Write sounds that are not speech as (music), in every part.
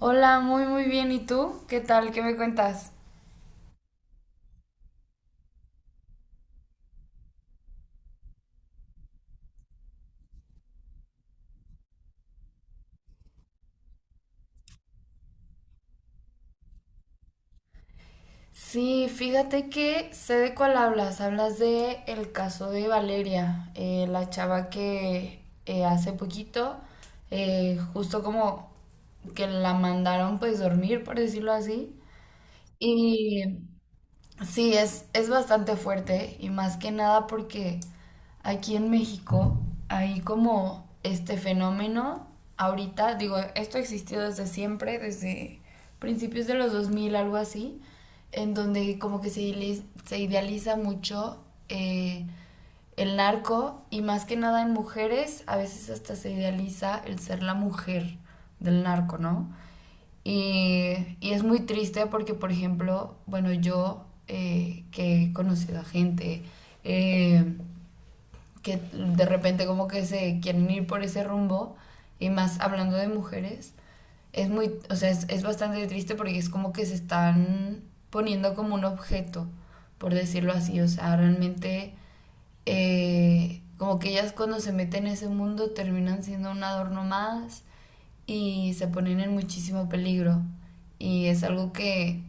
Hola, muy muy bien. ¿Y tú? ¿Qué tal? ¿Qué me cuentas? Sí, fíjate que sé de cuál hablas. Hablas de el caso de Valeria, la chava que hace poquito, justo como que la mandaron pues dormir, por decirlo así. Y sí, es bastante fuerte y más que nada porque aquí en México hay como este fenómeno ahorita, digo, esto ha existido desde siempre, desde principios de los 2000 algo así, en donde como que se idealiza mucho eh, el narco y más que nada en mujeres, a veces hasta se idealiza el ser la mujer del narco, ¿no? Y, y es muy triste porque, por ejemplo, bueno, yo que he conocido a gente, eh, que de repente como que se quieren ir por ese rumbo, y más hablando de mujeres, es muy, o sea, es bastante triste porque es como que se están poniendo como un objeto, por decirlo así, o sea, realmente como que ellas cuando se meten en ese mundo terminan siendo un adorno más y se ponen en muchísimo peligro. Y es algo que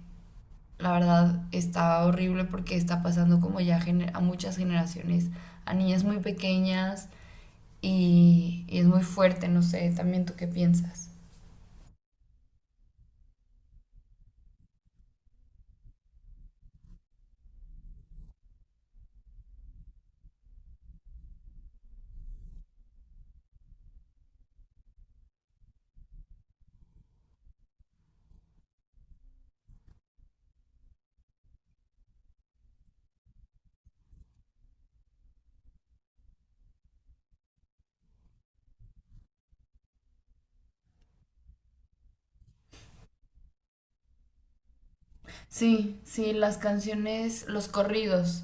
la verdad está horrible porque está pasando como ya a muchas generaciones, a niñas muy pequeñas y es muy fuerte, no sé, también tú qué piensas. Sí, sí, las canciones, los corridos.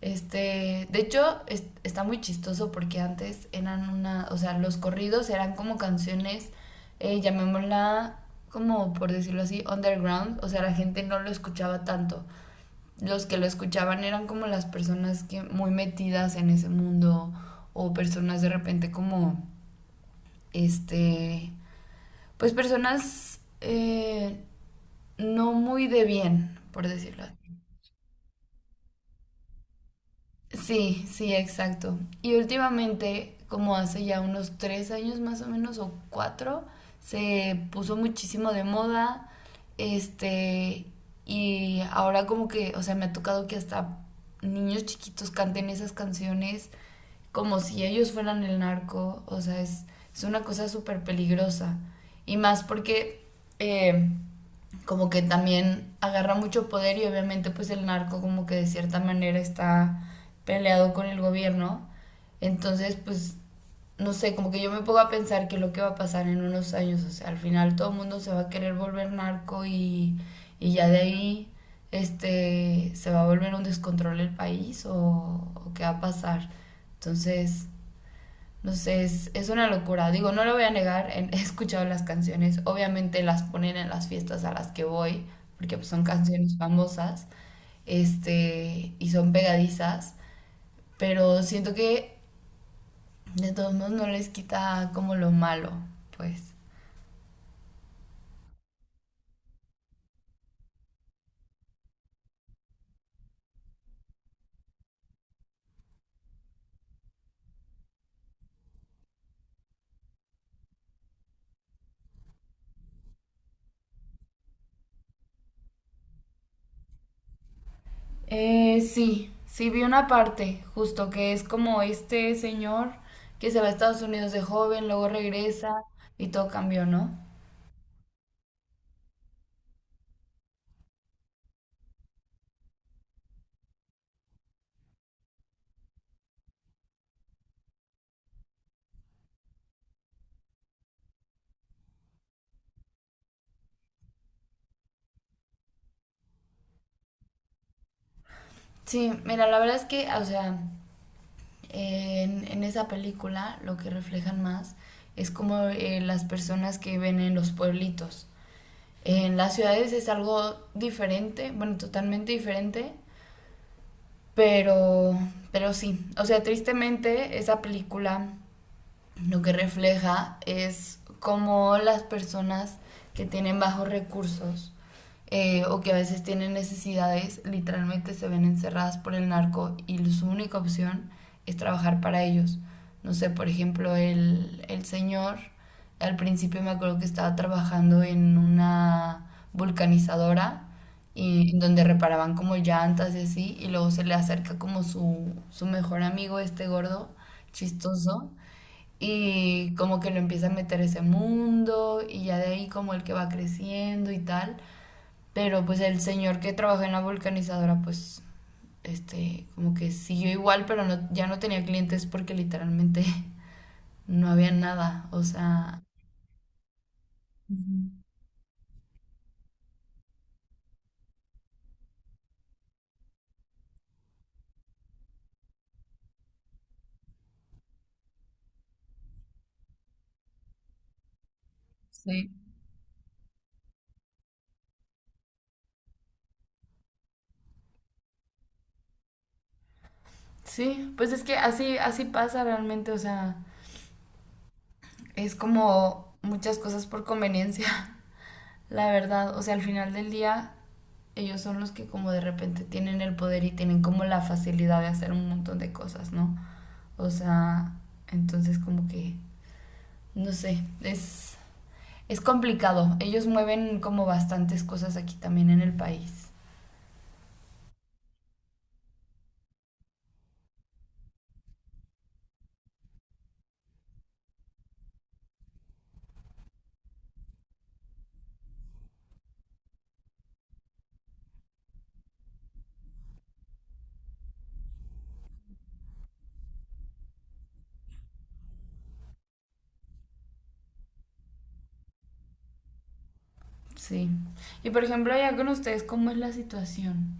Este, de hecho, está muy chistoso porque antes eran una, o sea, los corridos eran como canciones, llamémosla como por decirlo así, underground, o sea, la gente no lo escuchaba tanto. Los que lo escuchaban eran como las personas que muy metidas en ese mundo o personas de repente como, este, pues personas, no muy de bien, por decirlo así. Sí, sí, exacto. Y últimamente, como hace ya unos 3 años más o menos, o cuatro, se puso muchísimo de moda. Este, y ahora como que, o sea, me ha tocado que hasta niños chiquitos canten esas canciones como si ellos fueran el narco. O sea, es una cosa súper peligrosa. Y más porque eh, como que también agarra mucho poder y obviamente pues el narco como que de cierta manera está peleado con el gobierno. Entonces pues no sé, como que yo me pongo a pensar que lo que va a pasar en unos años, o sea, al final todo el mundo se va a querer volver narco y ya de ahí este se va a volver un descontrol el país o qué va a pasar. Entonces, entonces, es una locura. Digo, no lo voy a negar, (laughs) he escuchado las canciones, obviamente las ponen en las fiestas a las que voy, porque pues, son canciones famosas, este, y son pegadizas, pero siento que de todos modos no les quita como lo malo, pues. Sí, sí vi una parte, justo que es como este señor que se va a Estados Unidos de joven, luego regresa y todo cambió, ¿no? Sí, mira, la verdad es que, o sea, en esa película lo que reflejan más es como las personas que viven en los pueblitos. En las ciudades es algo diferente, bueno, totalmente diferente, pero, pero sí. O sea, tristemente esa película lo que refleja es cómo las personas que tienen bajos recursos, o que a veces tienen necesidades literalmente se ven encerradas por el narco y su única opción es trabajar para ellos. No sé, por ejemplo, el señor al principio me acuerdo que estaba trabajando en una vulcanizadora y en donde reparaban como llantas y así, y luego se le acerca como su mejor amigo, este gordo, chistoso, y como que lo empieza a meter ese mundo y ya de ahí como el que va creciendo y tal. Pero pues el señor que trabajó en la vulcanizadora pues este como que siguió igual pero no, ya no tenía clientes porque literalmente (laughs) no había nada. O sea, ujú. Sí. Sí, pues es que así, así pasa realmente. O sea, es como muchas cosas por conveniencia. (laughs) La verdad, o sea, al final del día, ellos son los que como de repente tienen el poder y tienen como la facilidad de hacer un montón de cosas, ¿no? O sea, entonces como que, no sé, es complicado. Ellos mueven como bastantes cosas aquí también en el país. Sí. Y por ejemplo, allá con ustedes, ¿cómo es la situación?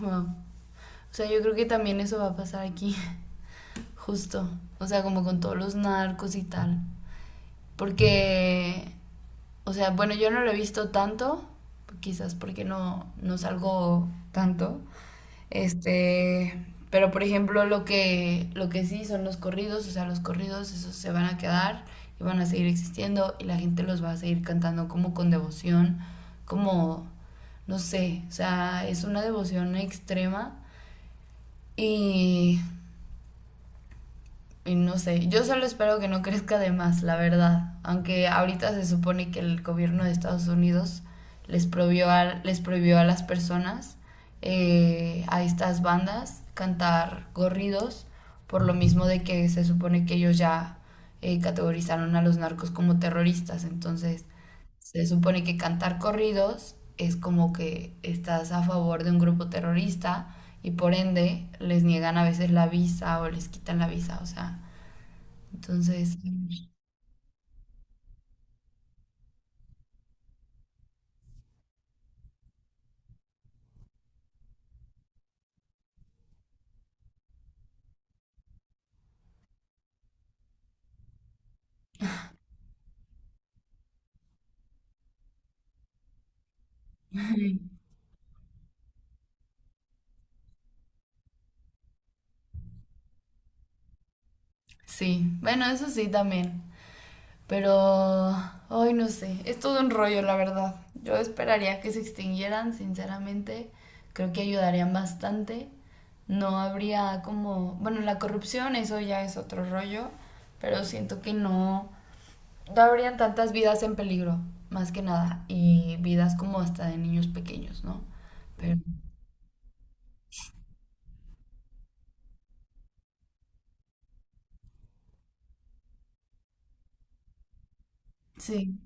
Wow. O sea, yo creo que también eso va a pasar aquí, (laughs) justo. O sea, como con todos los narcos y tal. Porque, o sea, bueno, yo no lo he visto tanto, quizás porque no, no salgo tanto. Este, pero por ejemplo, lo que sí son los corridos, o sea, los corridos, esos se van a quedar y van a seguir existiendo y la gente los va a seguir cantando como con devoción, como, no sé, o sea, es una devoción extrema y y no sé, yo solo espero que no crezca de más, la verdad. Aunque ahorita se supone que el gobierno de Estados Unidos les prohibió a las personas, a estas bandas, cantar corridos, por lo mismo de que se supone que ellos ya categorizaron a los narcos como terroristas. Entonces, se supone que cantar corridos es como que estás a favor de un grupo terrorista y por ende les niegan a veces la visa o les quitan la visa, o sea, entonces sí, bueno, eso sí también, pero hoy no sé, es todo un rollo la verdad. Yo esperaría que se extinguieran, sinceramente, creo que ayudarían bastante. No habría como, bueno, la corrupción eso ya es otro rollo, pero siento que no no habrían tantas vidas en peligro, más que nada, y vidas como hasta de niños pequeños, ¿no? Pero sí.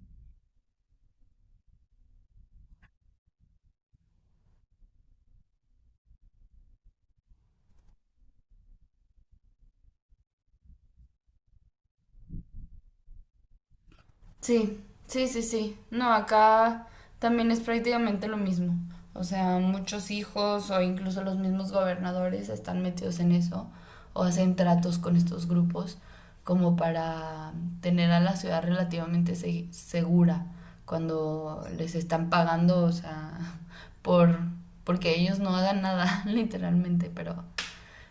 Sí, sí, sí, sí. No, acá también es prácticamente lo mismo. O sea, muchos hijos o incluso los mismos gobernadores están metidos en eso o hacen tratos con estos grupos como para tener a la ciudad relativamente segura cuando les están pagando, o sea, (laughs) por porque ellos no hagan nada, (laughs) literalmente, pero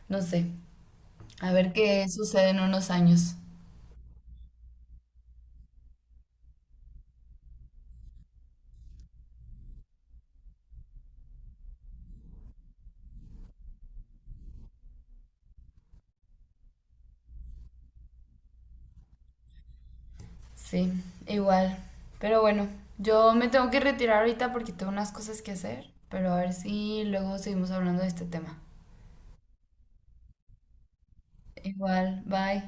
no sé. A ver qué sucede en unos años. Sí, igual. Pero bueno, yo me tengo que retirar ahorita porque tengo unas cosas que hacer, pero a ver si luego seguimos hablando de este tema. Igual, bye.